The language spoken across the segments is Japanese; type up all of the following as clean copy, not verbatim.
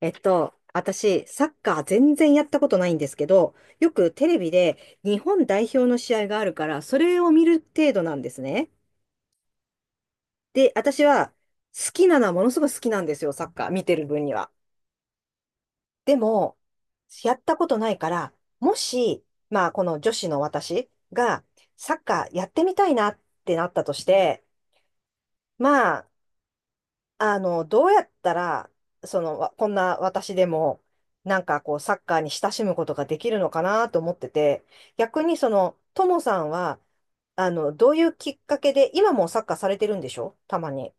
私、サッカー全然やったことないんですけど、よくテレビで日本代表の試合があるから、それを見る程度なんですね。で、私は好きなのはものすごく好きなんですよ、サッカー見てる分には。でも、やったことないから、もし、まあ、この女子の私がサッカーやってみたいなってなったとして、まあ、どうやったら、わこんな私でも、サッカーに親しむことができるのかなと思ってて、逆にその、ともさんは、どういうきっかけで、今もサッカーされてるんでしょたまに。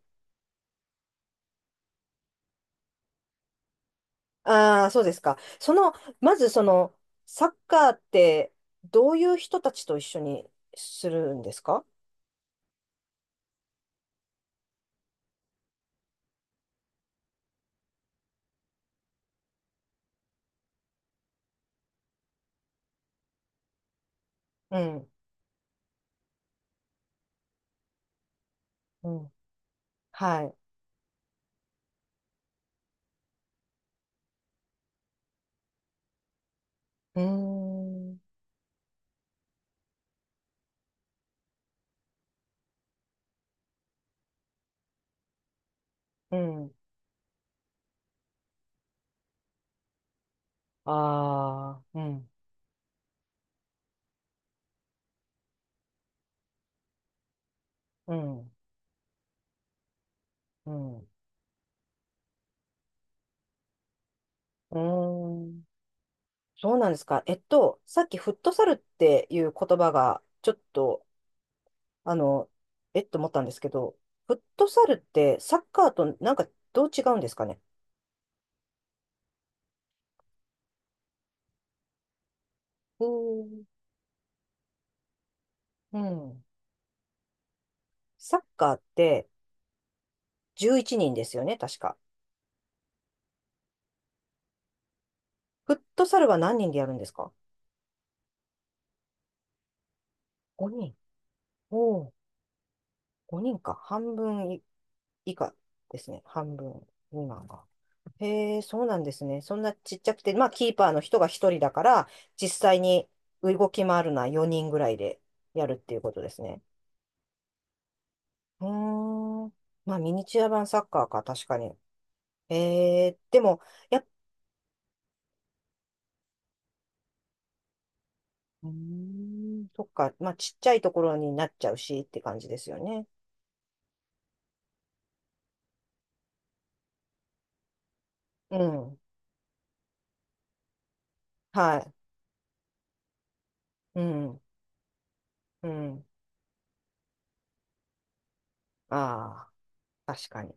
ああ、そうですか。その、まずその、サッカーって、どういう人たちと一緒にするんですか。うん、うん、はい。うーん、うん。ああ、うん、うん、うん、うーん。そうなんですか。さっきフットサルっていう言葉が、ちょっと、あの、えっと思ったんですけど、フットサルってサッカーとなんかどう違うんですかね。おーん。うん。サッカーって11人ですよね、確か。フットサルは何人でやるんですか？ 5 人。お、5人か。半分い以下ですね。半分未満が。へえ、そうなんですね。そんなちっちゃくて、まあ、キーパーの人が一人だから、実際に動き回るのは4人ぐらいでやるっていうことですね。うーん。まあ、ミニチュア版サッカーか、確かに。へえー、でも、やっうーん、そっか。まあ、ちっちゃいところになっちゃうしって感じですよね。うん。はい。うん。うん。ああ、確かに。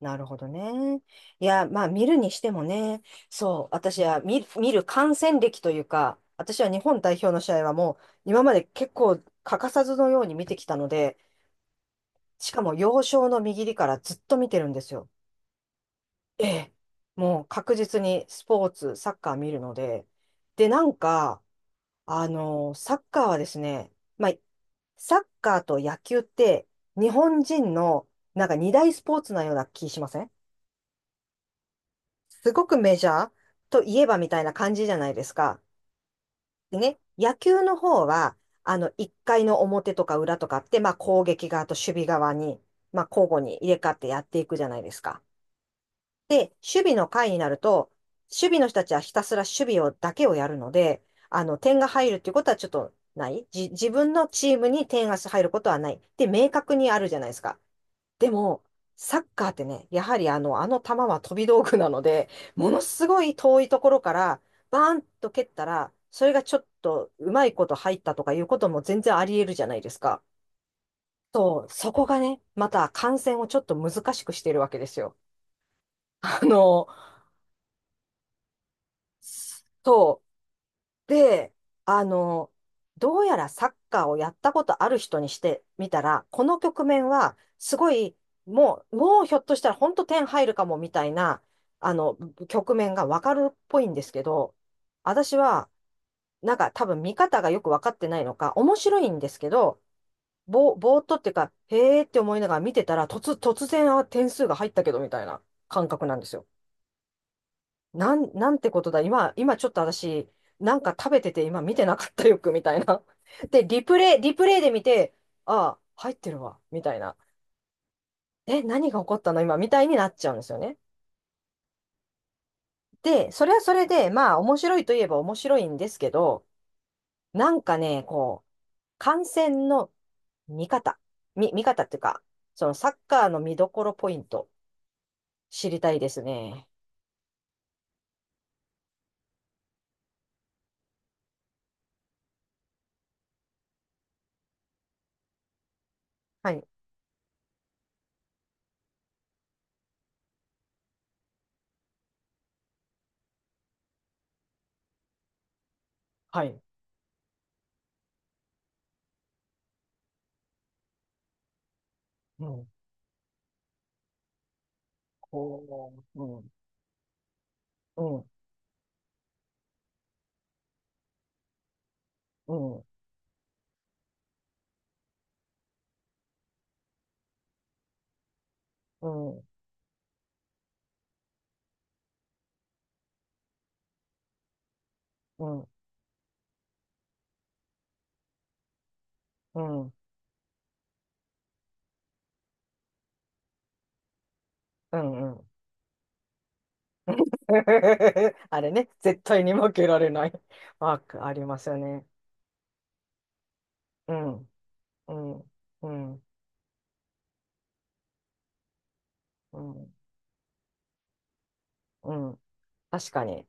なるほどね。いや、まあ見るにしてもね、そう、私は見る、観戦歴というか、私は日本代表の試合はもう今まで結構欠かさずのように見てきたので、しかも幼少の右利からずっと見てるんですよ。ええ。もう確実にスポーツ、サッカー見るので。で、なんか、サッカーはですね、まあ、サッカーと野球って日本人のなんか二大スポーツなような気しません？すごくメジャーといえばみたいな感じじゃないですか。でね、野球の方は、1回の表とか裏とかって、まあ攻撃側と守備側に、まあ交互に入れ替わってやっていくじゃないですか。で、守備の回になると、守備の人たちはひたすら守備をだけをやるので、点が入るっていうことはちょっとない。自分のチームに点が入ることはない。で、明確にあるじゃないですか。でも、サッカーってね、やはりあの球は飛び道具なので、ものすごい遠いところから、バーンと蹴ったら、それがちょっとうまいこと入ったとかいうことも全然あり得るじゃないですか。そう、そこがね、また観戦をちょっと難しくしてるわけですよ。あの、そうで、あの、どうやらサッカーをやったことある人にしてみたら、この局面は、すごい、もうひょっとしたら本当点入るかもみたいな、あの、局面がわかるっぽいんですけど、私は、なんか多分見方がよくわかってないのか、面白いんですけど、ぼーっとっていうか、へーって思いながら見てたら、突然、あ、点数が入ったけどみたいな感覚なんですよ。なんてことだ。今ちょっと私、なんか食べてて今見てなかったよく、みたいな。で、リプレイで見て、ああ、入ってるわ、みたいな。え、何が起こったの今、みたいになっちゃうんですよね。で、それはそれで、まあ、面白いといえば面白いんですけど、なんかね、こう、観戦の見方、見方っていうか、そのサッカーの見どころポイント、知りたいですね。はい、はい、うん、こう、うん、うん、うん、うん、うん。うんうんうん。あれね、絶対に負けられない ワークありますよね。うん、うん、うん、うん、うん。確かに。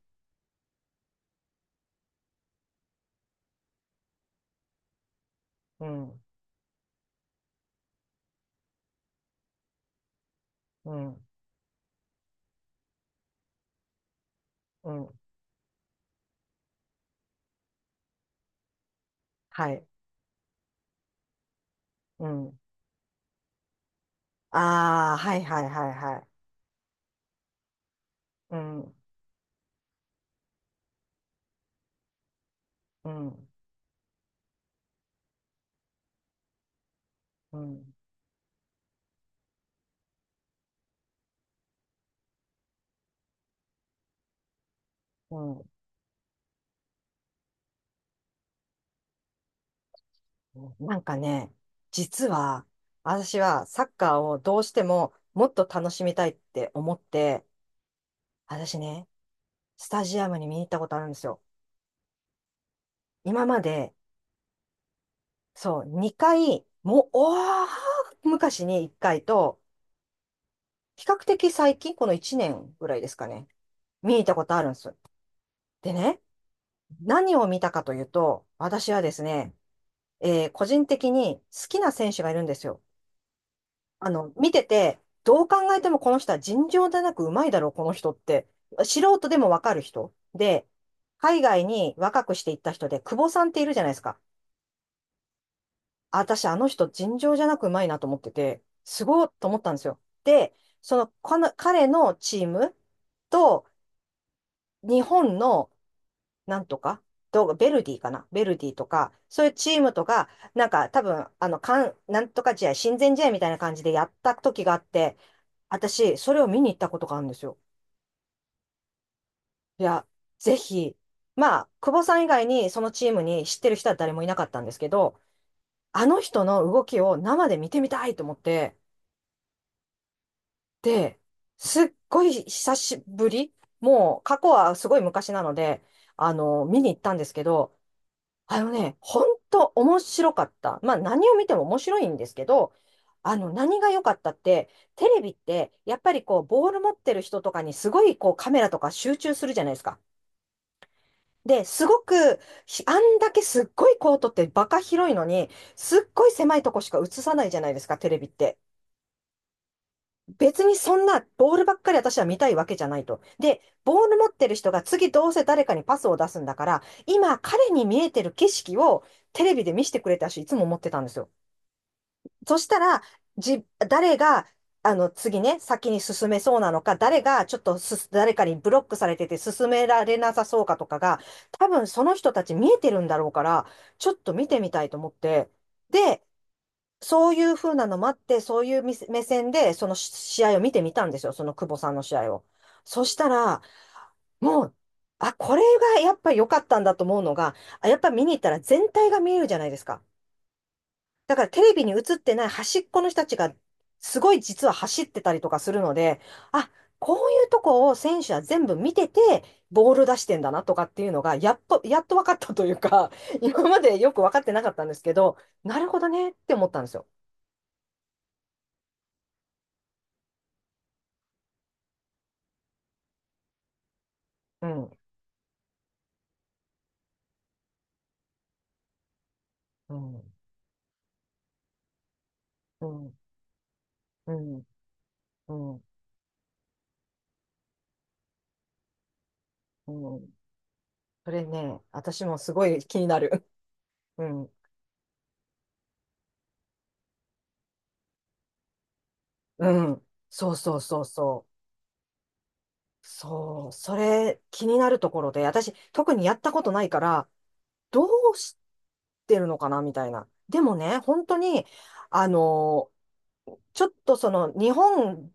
うん、うん、うん。はい。うん。ああ、はいはいはいはい。うん、うん、うん、うん。なんかね、実は、私はサッカーをどうしてももっと楽しみたいって思って、私ね、スタジアムに見に行ったことあるんですよ。今までそう、2回、もう、おー、昔に1回と、比較的最近、この1年ぐらいですかね、見に行ったことあるんです。でね、何を見たかというと、私はですね、個人的に好きな選手がいるんですよ。あの、見てて、どう考えてもこの人は尋常でなくうまいだろう、この人って。素人でもわかる人。で、海外に若くしていった人で、久保さんっているじゃないですか。私、あの人、尋常じゃなくうまいなと思ってて、すごいと思ったんですよ。で、その、この彼のチームと、日本の、なんとか、どうベルディかなベルディとか、そういうチームとか、なんか多分、なんとか試合、親善試合みたいな感じでやった時があって、私、それを見に行ったことがあるんですよ。いや、ぜひ、まあ、久保さん以外にそのチームに知ってる人は誰もいなかったんですけど、あの人の動きを生で見てみたいと思って、で、すっごい久しぶり、もう過去はすごい昔なので、見に行ったんですけど、あのね、本当面白かった。まあ何を見ても面白いんですけど、何が良かったって、テレビって、やっぱりこう、ボール持ってる人とかにすごいこう、カメラとか集中するじゃないですか。で、すごく、ひあんだけすっごいコートってバカ広いのに、すっごい狭いとこしか映さないじゃないですか、テレビって。別にそんなボールばっかり私は見たいわけじゃないと。で、ボール持ってる人が次どうせ誰かにパスを出すんだから、今彼に見えてる景色をテレビで見せてくれたし、いつも思ってたんですよ。そしたら、誰が、次ね、先に進めそうなのか、誰がちょっと誰かにブロックされてて進められなさそうかとかが、多分その人たち見えてるんだろうから、ちょっと見てみたいと思って、で、そういう風なのもあって、そういうみせ目線で、その試合を見てみたんですよ、その久保さんの試合を。そしたら、もう、あ、これがやっぱ良かったんだと思うのが、あやっぱ見に行ったら全体が見えるじゃないですか。だからテレビに映ってない端っこの人たちが、すごい実は走ってたりとかするので、あ、こういうとこを選手は全部見てて、ボール出してんだなとかっていうのが、やっと分かったというか、今までよく分かってなかったんですけど、なるほどねって思ったんですよ。うん。うんうん、うん、うん、うん。それね、私もすごい気になる。うん、うん。そうそうそうそう。そう、それ気になるところで、私特にやったことないから、どうしてるのかなみたいな。でもね、本当に、あの、ちょっとその日本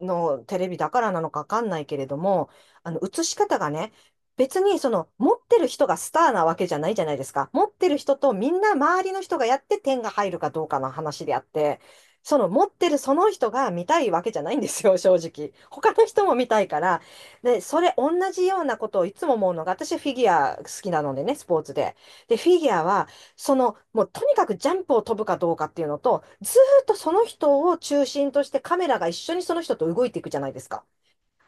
のテレビだからなのかわかんないけれども、映し方がね、別に持ってる人がスターなわけじゃないじゃないですか。持ってる人とみんな周りの人がやって点が入るかどうかの話であって、その持ってるその人が見たいわけじゃないんですよ、正直。他の人も見たいから。で、それ同じようなことをいつも思うのが、私フィギュア好きなのでね、スポーツで。で、フィギュアはもうとにかくジャンプを飛ぶかどうかっていうのと、ずーっとその人を中心としてカメラが一緒にその人と動いていくじゃないですか。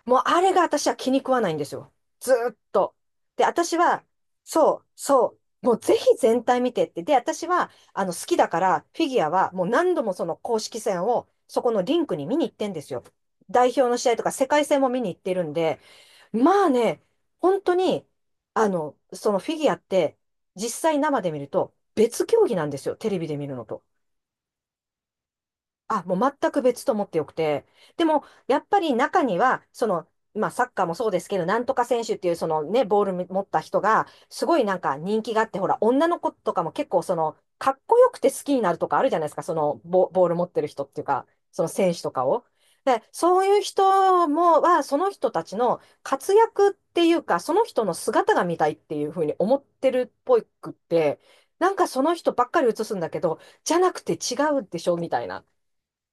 もうあれが私は気に食わないんですよ。ずーっと。で、私は、そう、そもうぜひ全体見てって。で、私は、好きだから、フィギュアはもう何度もその公式戦を、そこのリンクに見に行ってんですよ。代表の試合とか世界戦も見に行ってるんで、まあね、本当に、そのフィギュアって、実際生で見ると別競技なんですよ、テレビで見るのと。あ、もう全く別と思ってよくて。でも、やっぱり中には、まあ、サッカーもそうですけど、なんとか選手っていう、そのね、ボール持った人が、すごいなんか人気があって、ほら、女の子とかも結構、かっこよくて好きになるとかあるじゃないですか、ボール持ってる人っていうか、その選手とかを。で、そういう人も、その人たちの活躍っていうか、その人の姿が見たいっていうふうに思ってるっぽくって、なんかその人ばっかり映すんだけど、じゃなくて違うでしょみたいな。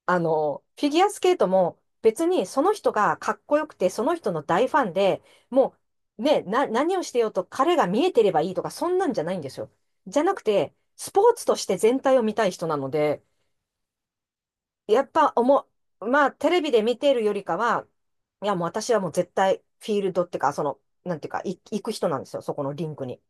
フィギュアスケートも別にその人がかっこよくて、その人の大ファンで、もうね、何をしてようと彼が見えてればいいとか、そんなんじゃないんですよ。じゃなくて、スポーツとして全体を見たい人なので、やっぱ思う、まあ、テレビで見ているよりかは、いや、もう私はもう絶対フィールドっていうか、なんていうか、行く人なんですよ、そこのリンクに。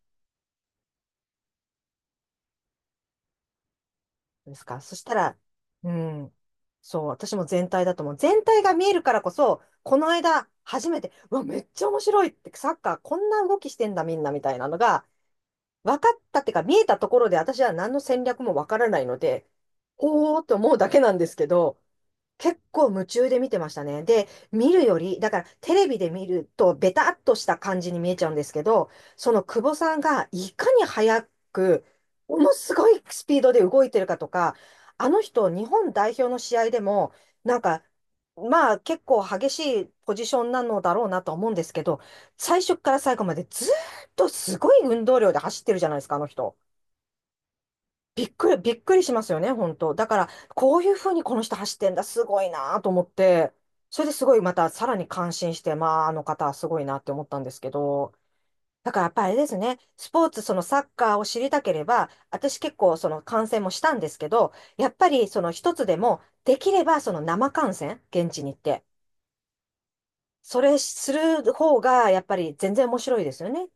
ですか。そしたら、うん、そう、私も全体だと思う。全体が見えるからこそ、この間、初めて、うわ、めっちゃ面白いって、サッカーこんな動きしてんだ、みんな、みたいなのが、分かったっていうか、見えたところで、私は何の戦略も分からないので、ほーって思うだけなんですけど、結構夢中で見てましたね。で、見るより、だからテレビで見るとベタっとした感じに見えちゃうんですけど、その久保さんがいかに早く、ものすごいスピードで動いてるかとか、あの人、日本代表の試合でも、なんか、まあ結構激しいポジションなのだろうなと思うんですけど、最初から最後までずーっとすごい運動量で走ってるじゃないですか、あの人。びっくりしますよね、本当。だから、こういうふうにこの人走ってんだ、すごいなと思って、それですごいまたさらに感心して、まあ、あの方はすごいなって思ったんですけど、だからやっぱりあれですね、スポーツ、そのサッカーを知りたければ、私結構その観戦もしたんですけど、やっぱりその一つでも、できればその生観戦、現地に行って、それする方が、やっぱり全然面白いですよね。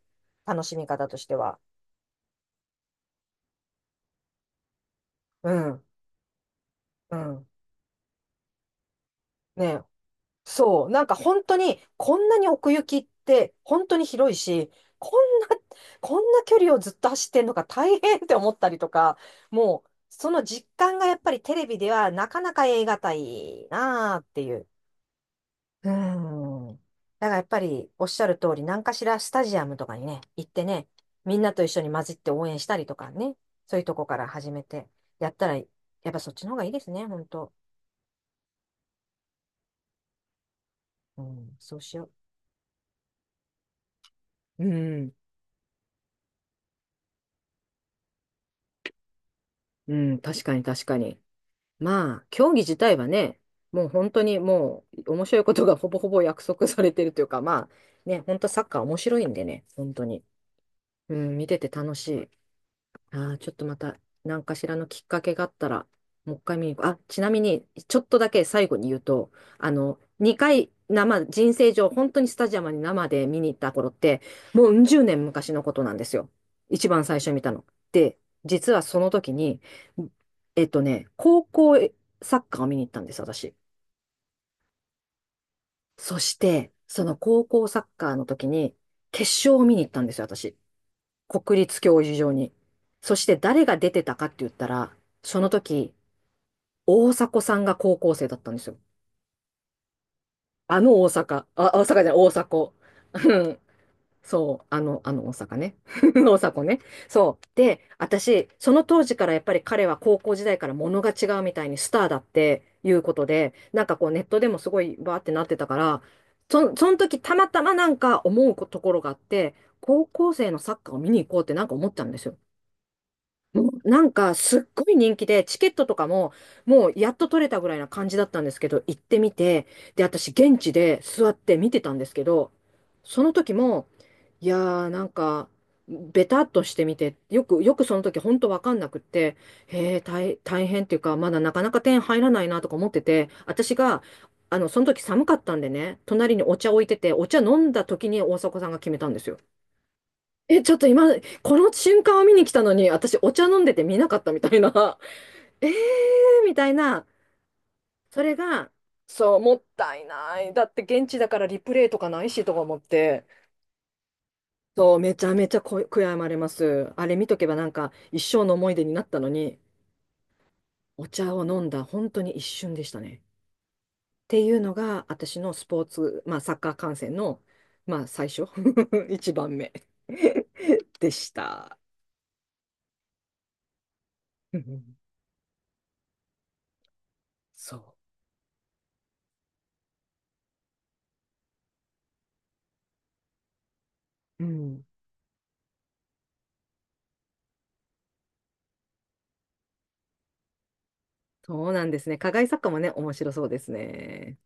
楽しみ方としては。うん、うん。ねそう、なんか本当に、こんなに奥行きって本当に広いし、こんな、こんな距離をずっと走ってんのか大変って思ったりとか、もう、その実感がやっぱりテレビではなかなか得難いなあっていう。うん。だからやっぱりおっしゃる通り、何かしらスタジアムとかにね、行ってね、みんなと一緒に混じって応援したりとかね、そういうとこから始めて、やったら、やっぱそっちの方がいいですね、本当。うん、そうしよう。うん、うん、確かに確かに。まあ、競技自体はね、もう本当にもう面白いことが ほぼほぼ約束されてるというか、まあね、本当サッカー面白いんでね、本当に。うん、見てて楽しい。ああ、ちょっとまた、何かしらのきっかけがあったら、もう一回見に行く。あ、ちなみに、ちょっとだけ最後に言うと、2回生、人生上、本当にスタジアムに生で見に行った頃って、もううん十年昔のことなんですよ。一番最初見たの。で、実はその時に、えっとね、高校サッカーを見に行ったんです、私。そして、その高校サッカーの時に、決勝を見に行ったんですよ、私。国立競技場に。そして誰が出てたかって言ったら、その時、大迫さんが高校生だったんですよ。あの大阪。あ、大阪じゃない、大迫。うんそう、あの大阪ね。大迫ね。そう。で、私、その当時からやっぱり彼は高校時代から物が違うみたいにスターだっていうことで、なんかこうネットでもすごいバーってなってたから、その時たまたまなんか思うところがあって、高校生のサッカーを見に行こうってなんか思ったんですよ。もうなんかすっごい人気で、チケットとかももうやっと取れたぐらいな感じだったんですけど、行ってみて、で、私現地で座って見てたんですけど、その時も、いやなんか、ベタっとしてみて、よくその時ほんとわかんなくって、へえ、大変っていうか、まだなかなか点入らないなとか思ってて、私が、その時寒かったんでね、隣にお茶置いてて、お茶飲んだ時に大迫さんが決めたんですよ。え、ちょっと今、この瞬間を見に来たのに、私お茶飲んでて見なかったみたいな。えーみたいな。それが、そう、もったいない。だって現地だからリプレイとかないしとか思って。そう、めちゃめちゃこ悔やまれます。あれ見とけばなんか一生の思い出になったのに、お茶を飲んだ本当に一瞬でしたね。っていうのが、私のスポーツ、まあサッカー観戦の、まあ最初、一番目 でした。うんそう。うんそうなんですね。課外作家もね、面白そうですね。